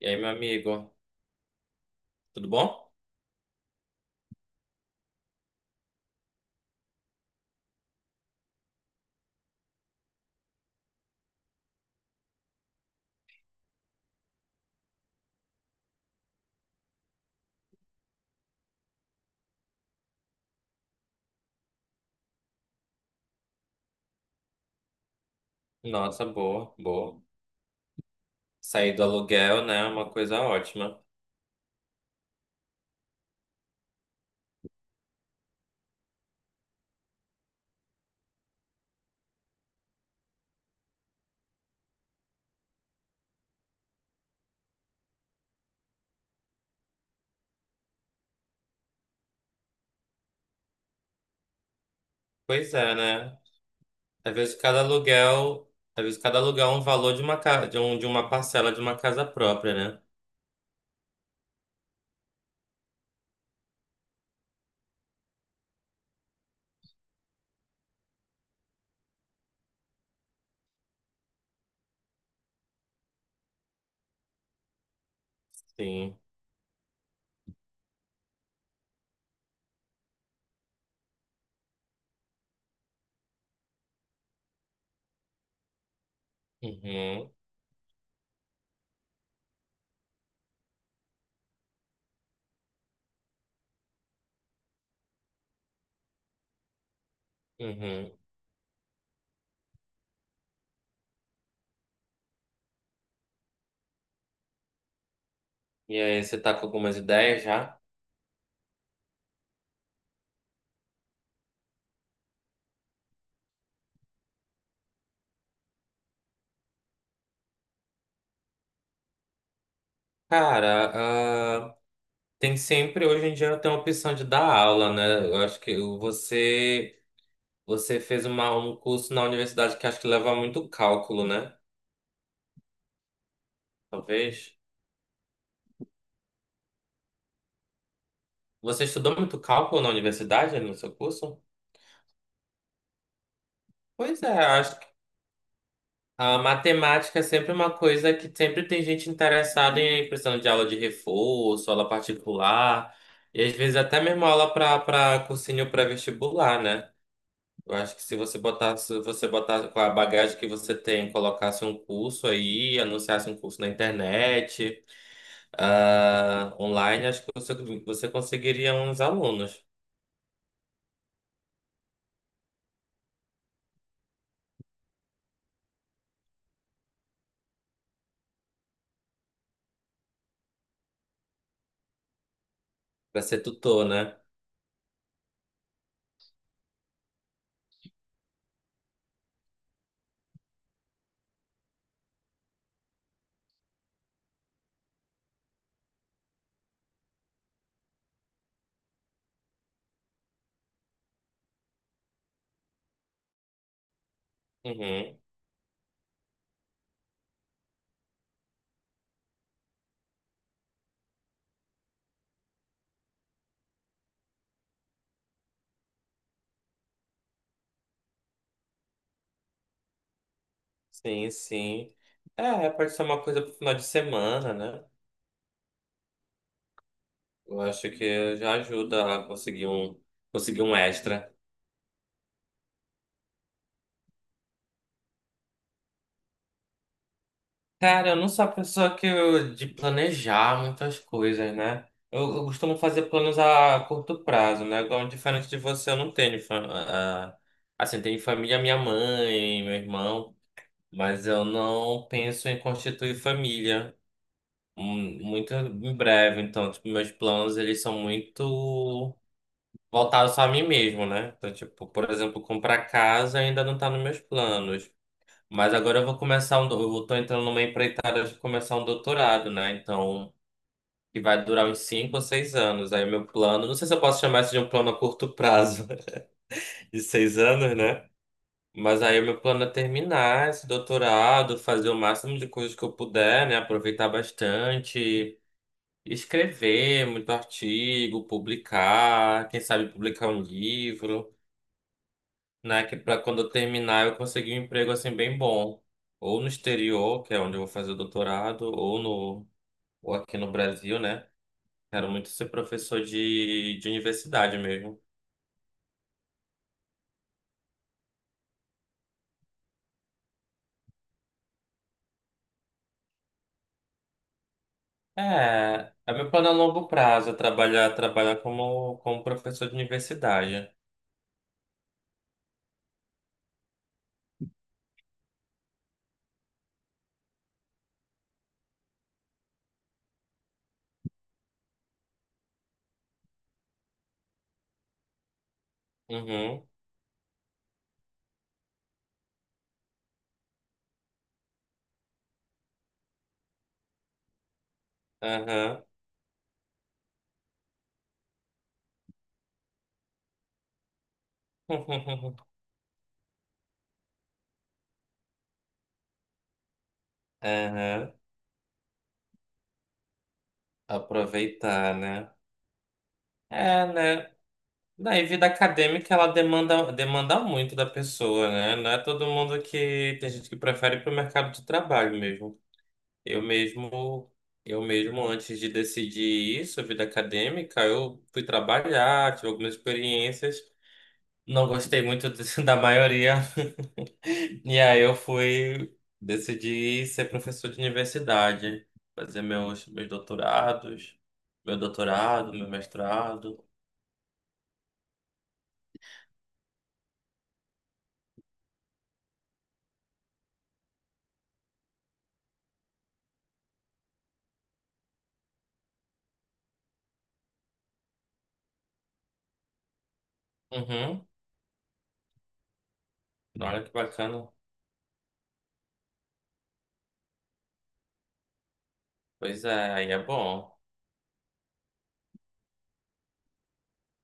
E aí, meu amigo, tudo bom? Nossa, boa, boa. Sair do aluguel, né, é uma coisa ótima. Pois é, né? Às vezes cada aluguel, às vezes cada aluguel é um valor de de de uma parcela de uma casa própria, né? Sim. Uhum, uhum. E aí, você tá com algumas ideias já? Cara, ah, tem sempre, hoje em dia tem a opção de dar aula, né? Eu acho que você, você fez um curso na universidade que acho que leva muito cálculo, né? Talvez. Você estudou muito cálculo na universidade, no seu curso? Pois é, acho que a matemática é sempre uma coisa que sempre tem gente interessada em precisando de aula de reforço, aula particular, e às vezes até mesmo aula para cursinho pré-vestibular, né? Eu acho que se você botasse, se você botasse com a bagagem que você tem, colocasse um curso aí, anunciasse um curso na internet, ah, online, acho que você, você conseguiria uns alunos para ser tutor, né? Uhum. Sim, sim. É, pode ser uma coisa pro final de semana, né? Eu acho que já ajuda a conseguir conseguir um extra. Cara, eu não sou a pessoa que de planejar muitas coisas, né? Eu costumo fazer planos a curto prazo, né? Igual, diferente de você, eu não tenho. Assim, tenho família, minha mãe, meu irmão, mas eu não penso em constituir família muito em breve. Então, tipo, meus planos, eles são muito. Voltado só a mim mesmo, né? Então, tipo, por exemplo, comprar casa ainda não tá nos meus planos. Mas agora eu vou começar eu tô entrando numa empreitada de começar um doutorado, né? Então, que vai durar uns cinco ou seis anos. Aí o meu plano, não sei se eu posso chamar isso de um plano a curto prazo, de seis anos, né? Mas aí o meu plano é terminar esse doutorado, fazer o máximo de coisas que eu puder, né? Aproveitar bastante, escrever muito artigo, publicar, quem sabe publicar um livro, né? Que para quando eu terminar eu conseguir um emprego assim bem bom, ou no exterior, que é onde eu vou fazer o doutorado, ou aqui no Brasil, né? Quero muito ser professor de universidade mesmo. É, é meu plano a longo prazo, é trabalhar como professor de universidade. Uhum, aham, aham. Aproveitar, né? É, né? Daí, vida acadêmica, ela demanda muito da pessoa, né? Não é todo mundo que... Tem gente que prefere ir para o mercado de trabalho mesmo. Eu mesmo, eu mesmo, antes de decidir isso, vida acadêmica, eu fui trabalhar, tive algumas experiências. Não gostei muito de- da maioria. E aí eu fui... Decidi ser professor de universidade. Fazer meus doutorados. Meu doutorado, meu mestrado. Uhum. Olha que bacana. Pois é, aí é bom.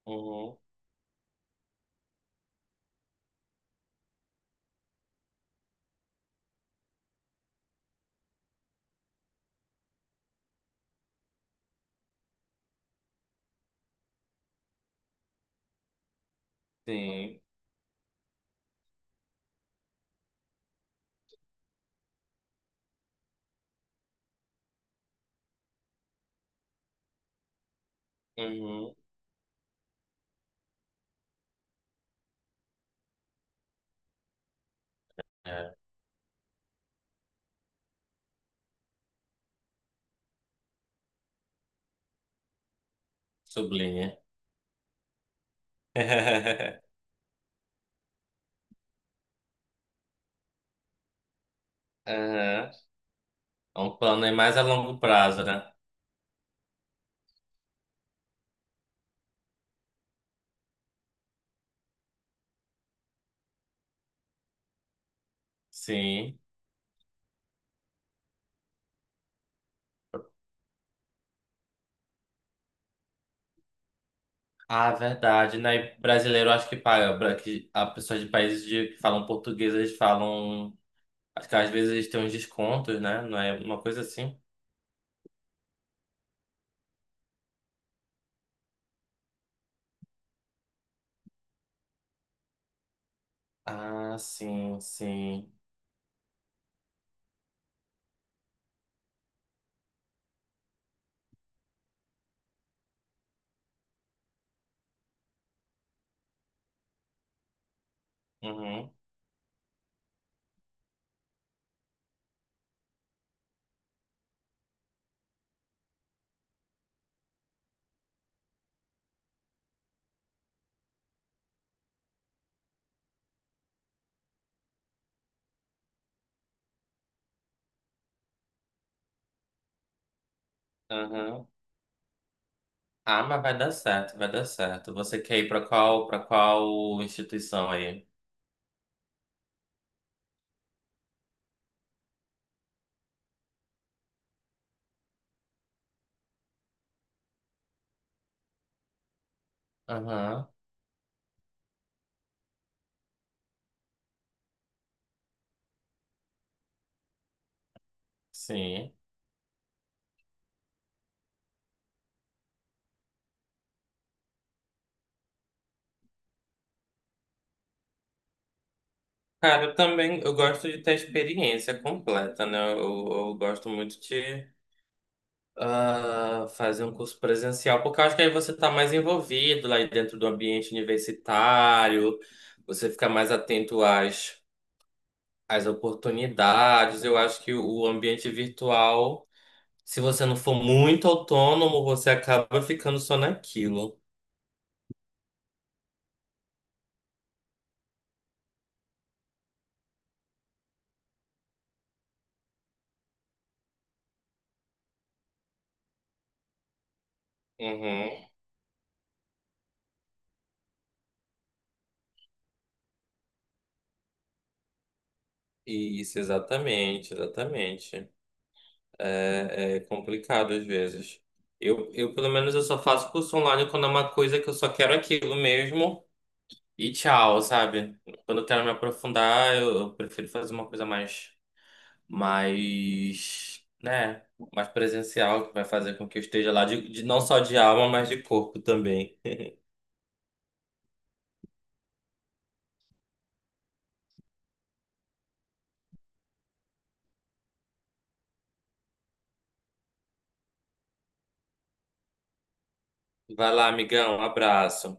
Uhum, sim. Uhum, é, sublinha. Aham. É um plano aí mais a longo prazo, né? Sim. Ah, é verdade, né? E brasileiro acho que paga. Que a pessoas de países que falam português, eles falam. Acho que às vezes eles têm uns descontos, né? Não é uma coisa assim. Ah, sim, sim. Uhum, uhum. Ah, mas vai dar certo, vai dar certo. Você quer ir pra qual, para qual instituição aí? Aham. Sim. Cara, eu também eu gosto de ter a experiência completa, né? Eu gosto muito de fazer um curso presencial, porque eu acho que aí você está mais envolvido lá dentro do ambiente universitário, você fica mais atento às oportunidades. Eu acho que o ambiente virtual, se você não for muito autônomo, você acaba ficando só naquilo. Uhum. Isso, exatamente, exatamente. É é complicado às vezes. Pelo menos, eu só faço curso online quando é uma coisa que eu só quero aquilo mesmo e tchau, sabe? Quando eu quero me aprofundar, eu prefiro fazer uma coisa mais, mais, né, mais presencial, que vai fazer com que eu esteja lá, não só de alma, mas de corpo também. Vai lá, amigão, um abraço.